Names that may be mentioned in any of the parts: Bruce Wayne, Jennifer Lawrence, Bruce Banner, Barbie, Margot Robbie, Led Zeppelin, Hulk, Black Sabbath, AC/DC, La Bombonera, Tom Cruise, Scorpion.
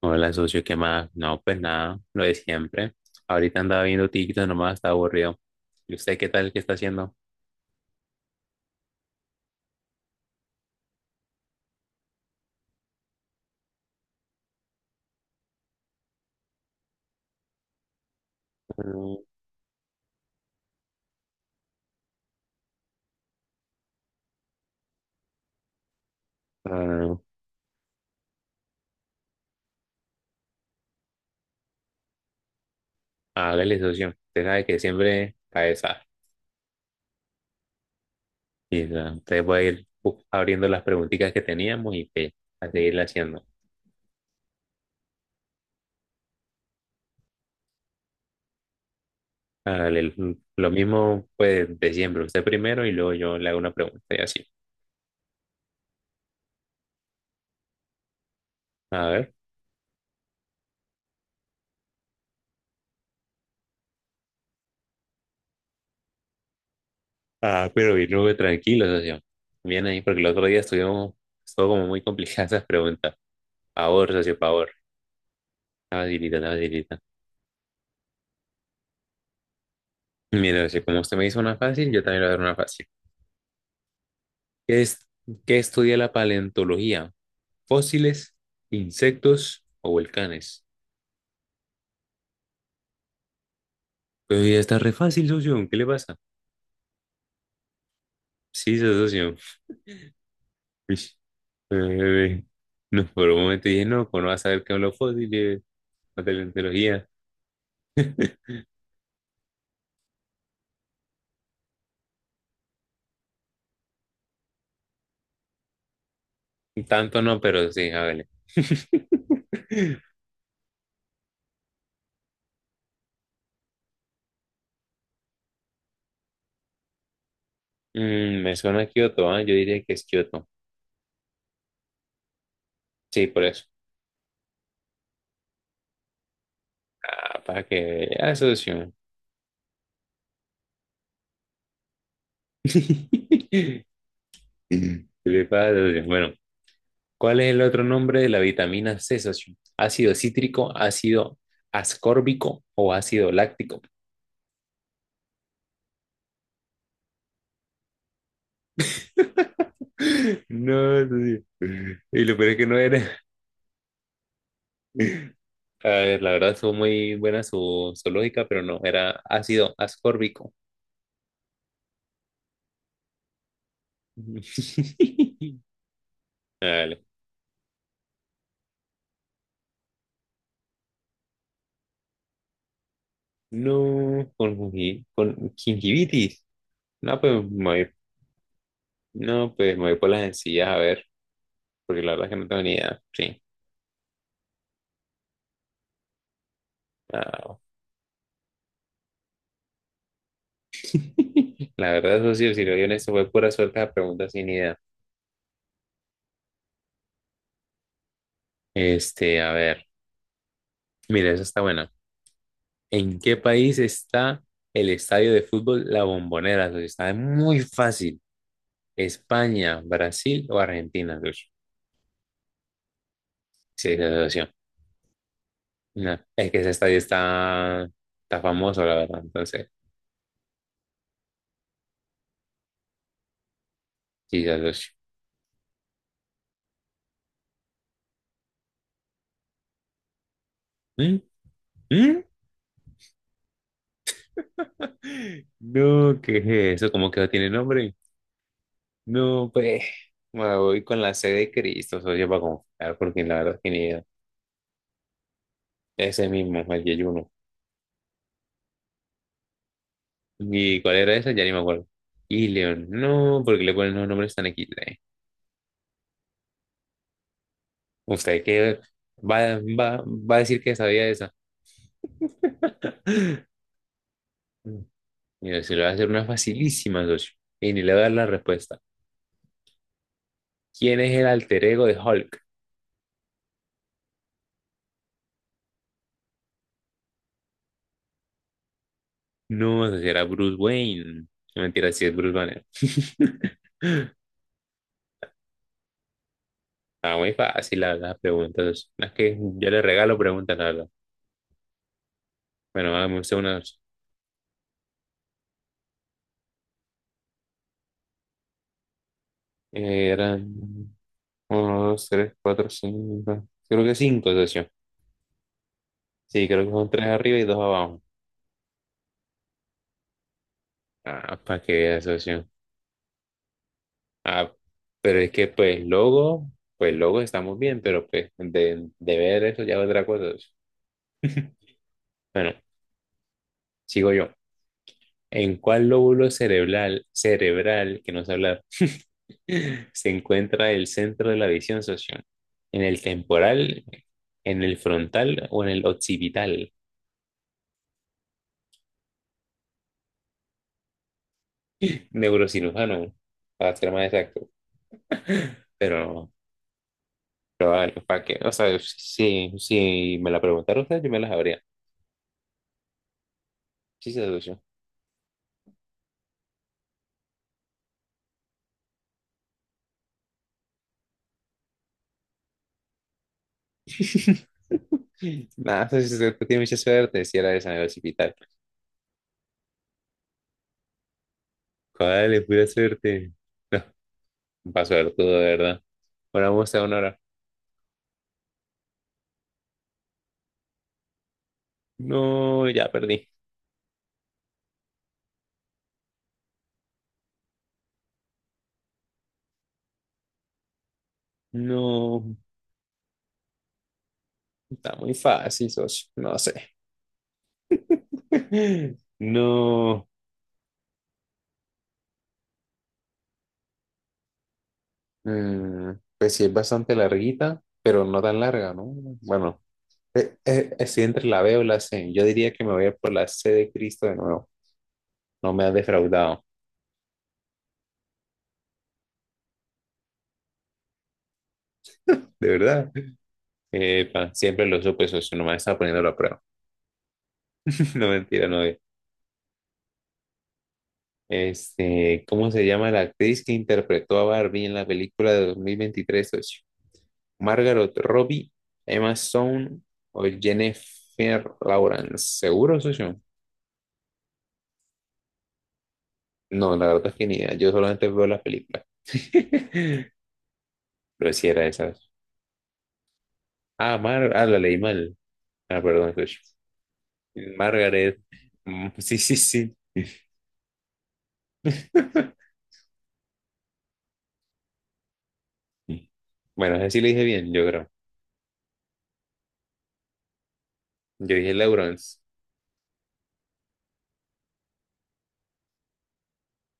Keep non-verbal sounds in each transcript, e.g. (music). Hola, socio, ¿qué más? No, pues nada, lo de siempre. Ahorita andaba viendo TikTok nomás, está aburrido. ¿Y usted qué tal? ¿Qué está haciendo? Mm, ah, hágale, socio. Usted sabe que siempre cabeza. Y usted puede ir abriendo las preguntitas que teníamos y pues, a seguirla haciendo. Hágale, lo mismo pues de siempre. Usted primero y luego yo le hago una pregunta y así. A ver. Ah, pero bien, luego tranquilo, socio. Bien ahí, porque el otro día estuvimos, estuvo como muy complicada (laughs) esas preguntas. Favor, socio, favor. La facilita, la facilita. Mira, si como usted me hizo una fácil, yo también le voy a dar una fácil. ¿Qué es, qué estudia la paleontología? ¿Fósiles, insectos o volcanes? Pues ya está re fácil, socio. ¿Qué le pasa? Sí, socio. Uish, eh, no, por un momento dije, no, pues no vas a saber qué son los fósiles, la paleontología. (laughs) Tanto no, pero sí, hágale. (laughs) Mm, me suena a Kioto, ¿ah? Yo diría que es Kioto. Sí, por eso. Ah, para que vea, socio. (laughs) (clears throat) Le bueno, ¿cuál es el otro nombre de la vitamina C, socio? ¿Ácido cítrico, ácido ascórbico o ácido láctico? (laughs) No, socio. Y lo peor es que no era. A ver, la verdad fue muy buena su, su lógica, pero no, era ácido ascórbico. (laughs) Dale. No, con, con gingivitis. No, pues me voy, no, pues me voy por las sencillas, a ver, porque la verdad es que no tengo ni idea. Sí. Ah, (laughs) la verdad, eso sí, si lo en esto fue pura suerte la pregunta sin idea. Este, a ver, mira, esa está buena. ¿En qué país está el estadio de fútbol La Bombonera, socio? Está muy fácil. ¿España, Brasil o Argentina, socio? Sí, esa asociación. No, es que ese estadio está, está famoso, la verdad. Entonces, sí, esa asociación. ¿Mm? ¿Mm? (laughs) No, ¿qué es eso? ¿Cómo que no tiene nombre? No, pues, me voy con la sede de Cristo, socio, para confiar, porque la verdad es que ni idea. Ese mismo, el yeyuno. ¿Y cuál era ese? Ya ni me acuerdo. León, no, porque le ponen los nombres tan equis de. ¿Usted qué va a decir que sabía esa? (laughs) Mira, se lo voy a hacer una facilísima, socio. Y ni le voy a dar la respuesta. ¿Quién es el alter ego de Hulk? No, socio, era Bruce Wayne. No, mentira, sí es Bruce Banner. (laughs) Está muy fácil la, las preguntas, socio. Las que yo le regalo preguntas, la verdad. Bueno, hagamos usted una, socio. Era... Uno, dos, tres, cuatro, cinco. Creo que cinco, socio. Sí, creo que son tres arriba y dos abajo. Ah, para que veas, socio. Ah, pero es que, pues, luego estamos bien, pero, pues, de ver eso ya es otra cosa, socio. (laughs) Bueno, sigo yo. ¿En cuál lóbulo cerebral, que no sé hablar, (laughs) se encuentra el centro de la visión, socio? ¿En el temporal, en el frontal o en el occipital? Neurocirujano, para ser más exacto. Pero Pero vale, ¿para qué? O sea, si, si me la preguntara usted, yo me la sabría. Sí, se (laughs) nada, pues, si usted tiene mucha suerte, si era de San Hospital. ¿Cuál es pura suerte? No, un paso de todo, de verdad. Ahora vamos a una hora. No, ya perdí. No, está muy fácil, socio. No sé. (laughs) No. Mm, pues sí, es bastante larguita, pero no tan larga, ¿no? Bueno, estoy entre la B o la C. Yo diría que me voy a ir por la C de Cristo de nuevo. No me ha defraudado, de verdad. Epa, siempre lo supe, socio, nomás estaba poniendo a prueba. (laughs) No mentira, no. Eh, este, ¿cómo se llama la actriz que interpretó a Barbie en la película de 2023, socio? Margaret Robbie, Emma Stone o Jennifer Lawrence. ¿Seguro, socio? No, la verdad es que ni idea. Yo solamente veo las películas. (laughs) Pero si era esa. Ah, Mar, ah, la leí mal. Ah, perdón, socio. Margaret. Mm, (laughs) sí, sí, sí. (laughs) Bueno, ese sí le dije bien, yo creo. Yo dije Lawrence.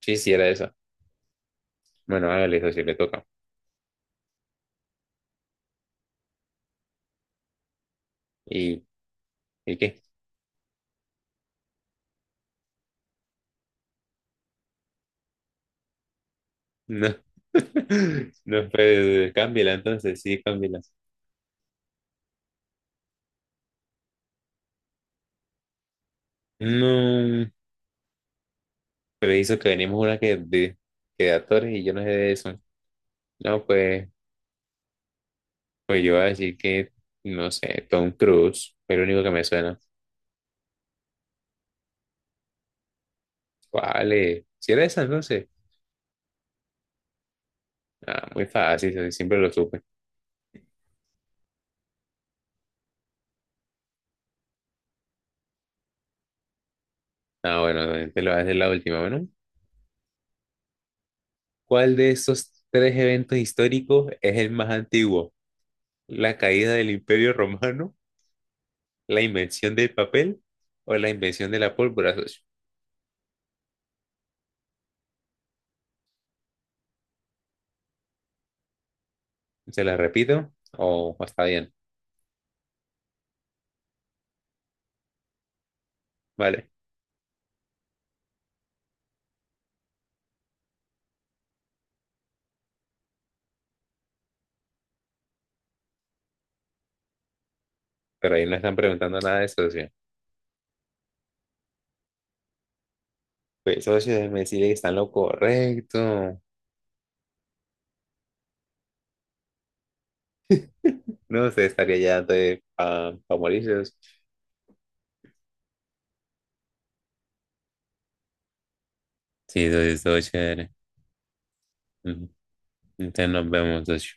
Sí, sí, era esa. Bueno, hágale eso, sí le toca. ¿Y, ¿Y qué? No. (laughs) No, pues cámbiala entonces, sí, cámbiala. No, pero hizo que venimos una que de actores y yo no sé de eso. No, pues, pues yo voy a decir que, no sé, Tom Cruise, fue lo único que me suena. ¿Cuál es? ¿Si era esa entonces? Ah, muy fácil, siempre lo supe. Ah, bueno, te lo voy a hacer la última, bueno. ¿Cuál de estos tres eventos históricos es el más antiguo? ¿La caída del Imperio Romano, la invención del papel o la invención de la pólvora, socio? ¿Se la repito? O está bien, vale. Pero ahí no están preguntando nada de eso, socio. Pues, socio, déjeme decirle que está en lo correcto. (laughs) No, usted estaría ya de pa morirse, socio. Sí, socio, socio. Entonces nos vemos, socio.